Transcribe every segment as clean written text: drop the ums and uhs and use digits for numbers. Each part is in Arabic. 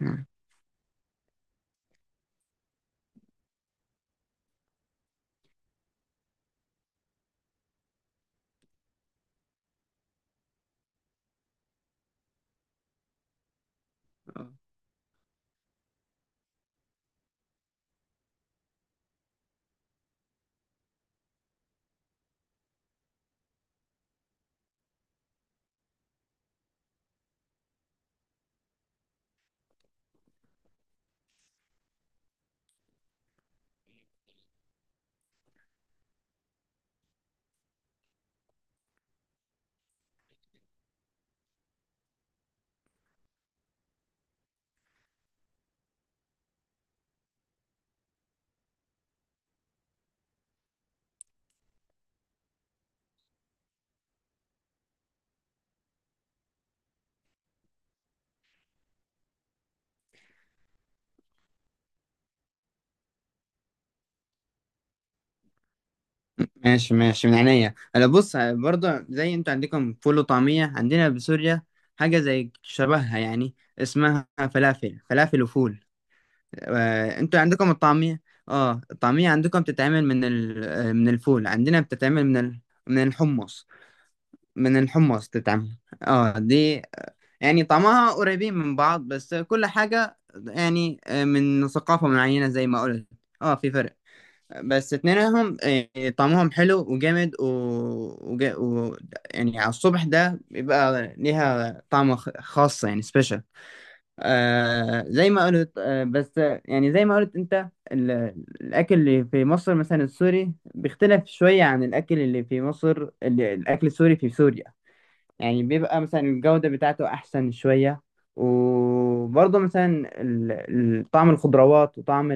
نعم. آه. ماشي ماشي، من عينيا. انا بص، برضه زي انتوا عندكم فول وطعمية، عندنا بسوريا حاجة زي شبهها، يعني اسمها فلافل، فلافل وفول. انتوا عندكم الطعمية. اه، الطعمية عندكم بتتعمل من ال... آه، من الفول. عندنا بتتعمل من من الحمص، من الحمص تتعمل دي. يعني طعمها قريبين من بعض، بس كل حاجة يعني من ثقافة معينة زي ما قلت. اه في فرق، بس اتنينهم طعمهم حلو وجامد. وج... و... يعني على الصبح ده بيبقى ليها طعم خاص، يعني سبيشال. زي ما قلت، آه بس آه، يعني زي ما قلت انت الاكل اللي في مصر مثلا السوري بيختلف شوية عن الاكل اللي في مصر، الاكل السوري في سوريا، يعني بيبقى مثلا الجودة بتاعته احسن شوية. وبرضه مثلا طعم الخضروات وطعم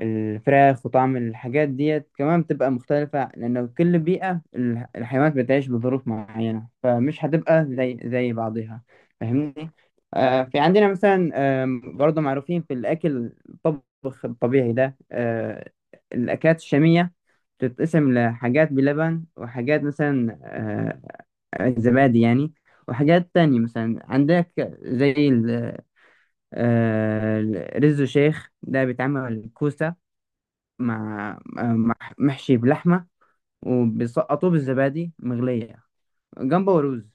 الفراخ وطعم الحاجات ديت كمان بتبقى مختلفة، لأن كل بيئة الحيوانات بتعيش بظروف معينة، فمش هتبقى زي بعضها. فاهمني؟ آه، في عندنا مثلا برضه معروفين في الأكل، الطبخ الطبيعي ده. الأكلات الشامية بتتقسم لحاجات بلبن، وحاجات مثلا زبادي يعني. وحاجات تانية مثلا عندك زي آه، رز شيخ. ده بيتعمل كوسة مع محشي بلحمة، وبيسقطوه بالزبادي مغلية، جنبه رز.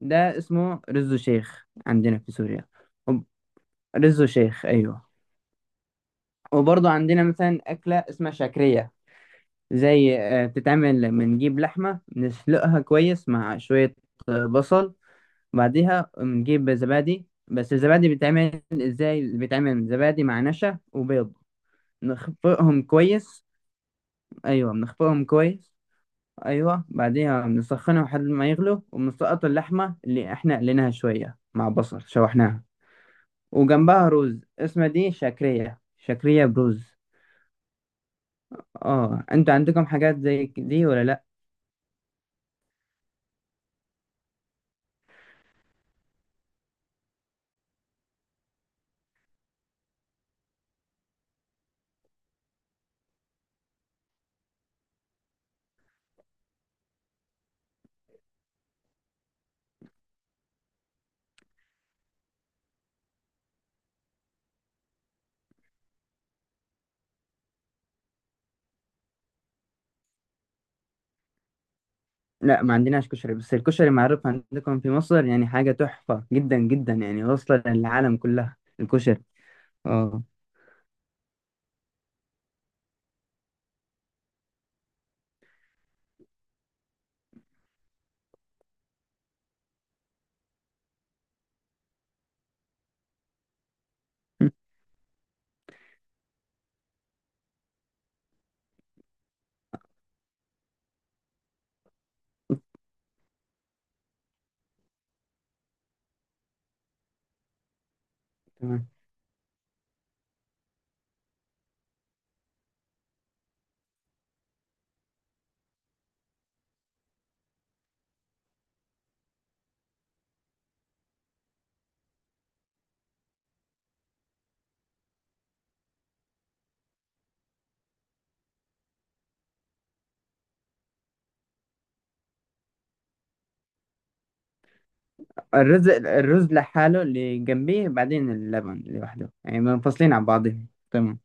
ده اسمه رز شيخ عندنا في سوريا. وب- رز شيخ، أيوه. وبرضه عندنا مثلا أكلة اسمها شعكرية. زي بتتعمل، بنجيب لحمة نسلقها كويس مع شوية بصل. بعديها بنجيب زبادي. بس الزبادي بيتعمل ازاي؟ بيتعمل زبادي مع نشا وبيض، نخفقهم كويس. ايوه، بنخفقهم كويس. ايوه، بعدين بنسخنه لحد ما يغلو، وبنسقط اللحمه اللي احنا قليناها شويه مع بصل شوحناها، وجنبها رز. اسمها دي شكريه، شكريه بروز. اه، انتوا عندكم حاجات زي دي ولا لا؟ لا، ما عندناش كشري، بس الكشري معروف عندكم في مصر، يعني حاجه تحفه جدا جدا، يعني واصله للعالم كلها الكشري. اه. تمام. الرز لحاله، اللي جنبيه بعدين اللبن لوحده، يعني منفصلين عن بعضهم. تمام.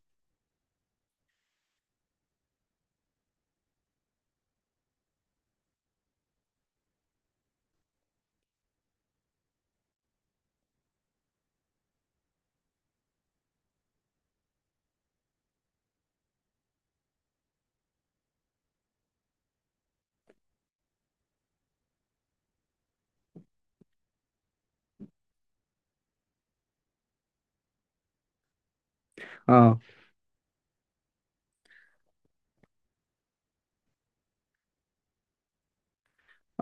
اه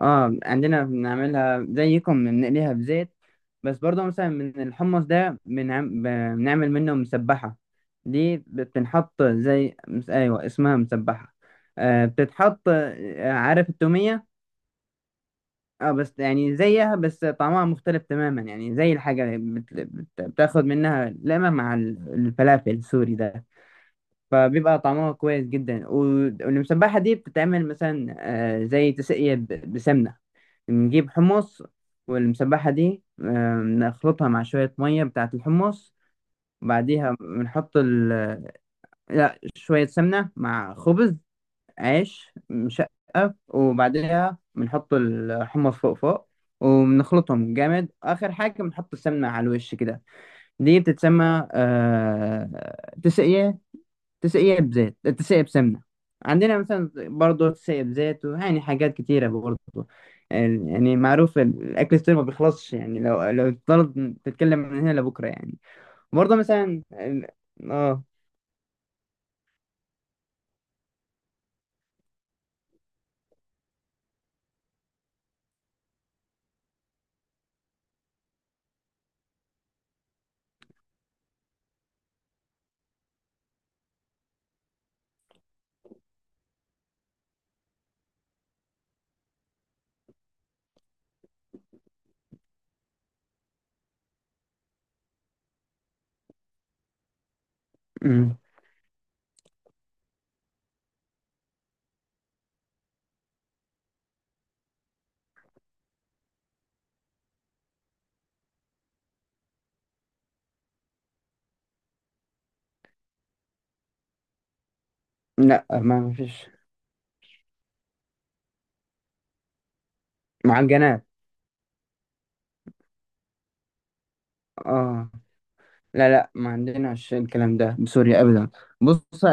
اه، عندنا بنعملها زيكم، بنقليها في زيت. بس برضه مثلا من الحمص ده بنعمل منه مسبحة. دي بتنحط زي ايوه، اسمها مسبحة. بتتحط. عارف التومية؟ اه، بس يعني زيها، بس طعمها مختلف تماما. يعني زي الحاجة، بتاخد منها لقمة مع الفلافل السوري ده، فبيبقى طعمها كويس جدا. والمسبحة دي بتتعمل مثلا زي تسقية بسمنة. نجيب حمص، والمسبحة دي نخلطها مع شوية مية بتاعة الحمص، وبعديها بنحط لا، شوية سمنة مع خبز، عيش مشقف، وبعديها بنحط الحمص فوق فوق، وبنخلطهم جامد. آخر حاجة بنحط السمنة على الوش كده. دي بتتسمى تسقية. تسقية بزيت، تسقية بسمنة. عندنا مثلا برضه تسقية بزيت، ويعني حاجات كتيرة برضه. يعني معروف الأكل السوري ما بيخلصش. يعني لو تضل تتكلم من هنا لبكرة يعني. برضه مثلا اه أمم. لا، ما فيش. معجنات. اه، لا لا، ما عندناش الكلام ده بسوريا أبدا. بص،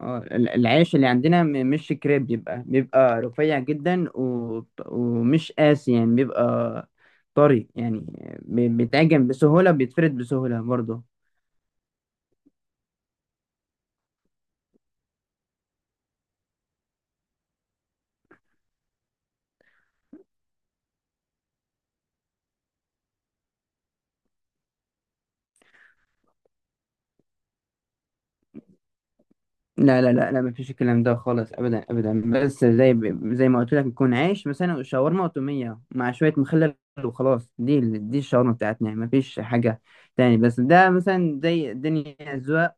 اه، العيش اللي عندنا، مش كريب، بيبقى رفيع جدا، و... ومش قاسي يعني، بيبقى طري يعني، بيتعجن بسهولة، بيتفرد بسهولة برضه. لا لا لا لا، مفيش الكلام ده خالص أبدا أبدا. بس زي ما قلت لك، يكون عيش مثلا شاورما وتومية مع شوية مخلل وخلاص. دي دي الشاورما بتاعتنا، يعني مفيش حاجة تاني. بس ده مثلا زي الدنيا أذواق.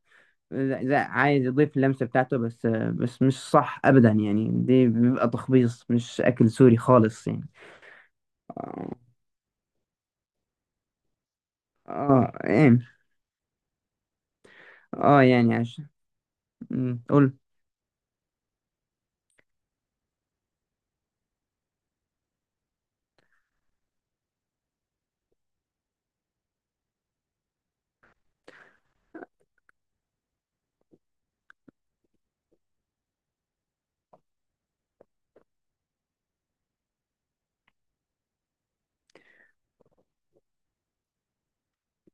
لا لا، عايز يضيف اللمسة بتاعته، بس مش صح أبدا، يعني دي بيبقى تخبيص مش أكل سوري خالص يعني. اه. اه، ايه. اه، يعني عشان. مم، قول.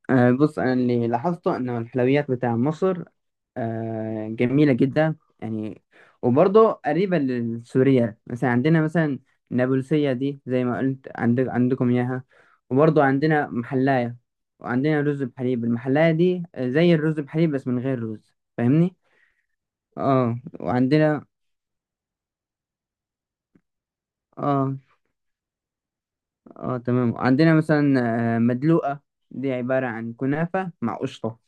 آه، بص، انا اللي لاحظته ان الحلويات بتاع مصر جميله جدا يعني، وبرضه قريبه للسوريه. مثلا عندنا مثلا النابلسيه دي، زي ما قلت عندك عندكم اياها. وبرضه عندنا محلايه، وعندنا رز بحليب. المحلايه دي زي الرز بحليب بس من غير رز. فاهمني؟ اه، وعندنا. اه اه، تمام. وعندنا مثلا مدلوقه. دي عباره عن كنافه مع قشطه.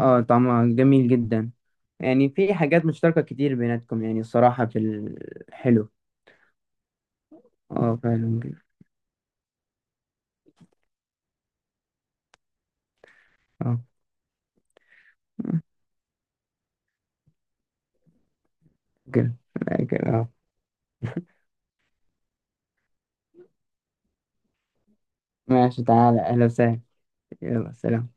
اه، طعمها جميل جدا. يعني في حاجات مشتركة كتير بيناتكم، يعني الصراحة في الحلو. اه فعلا كده. اه. كده. كده، اه. ماشي، تعالى، اهلا وسهلا. يلا سلام.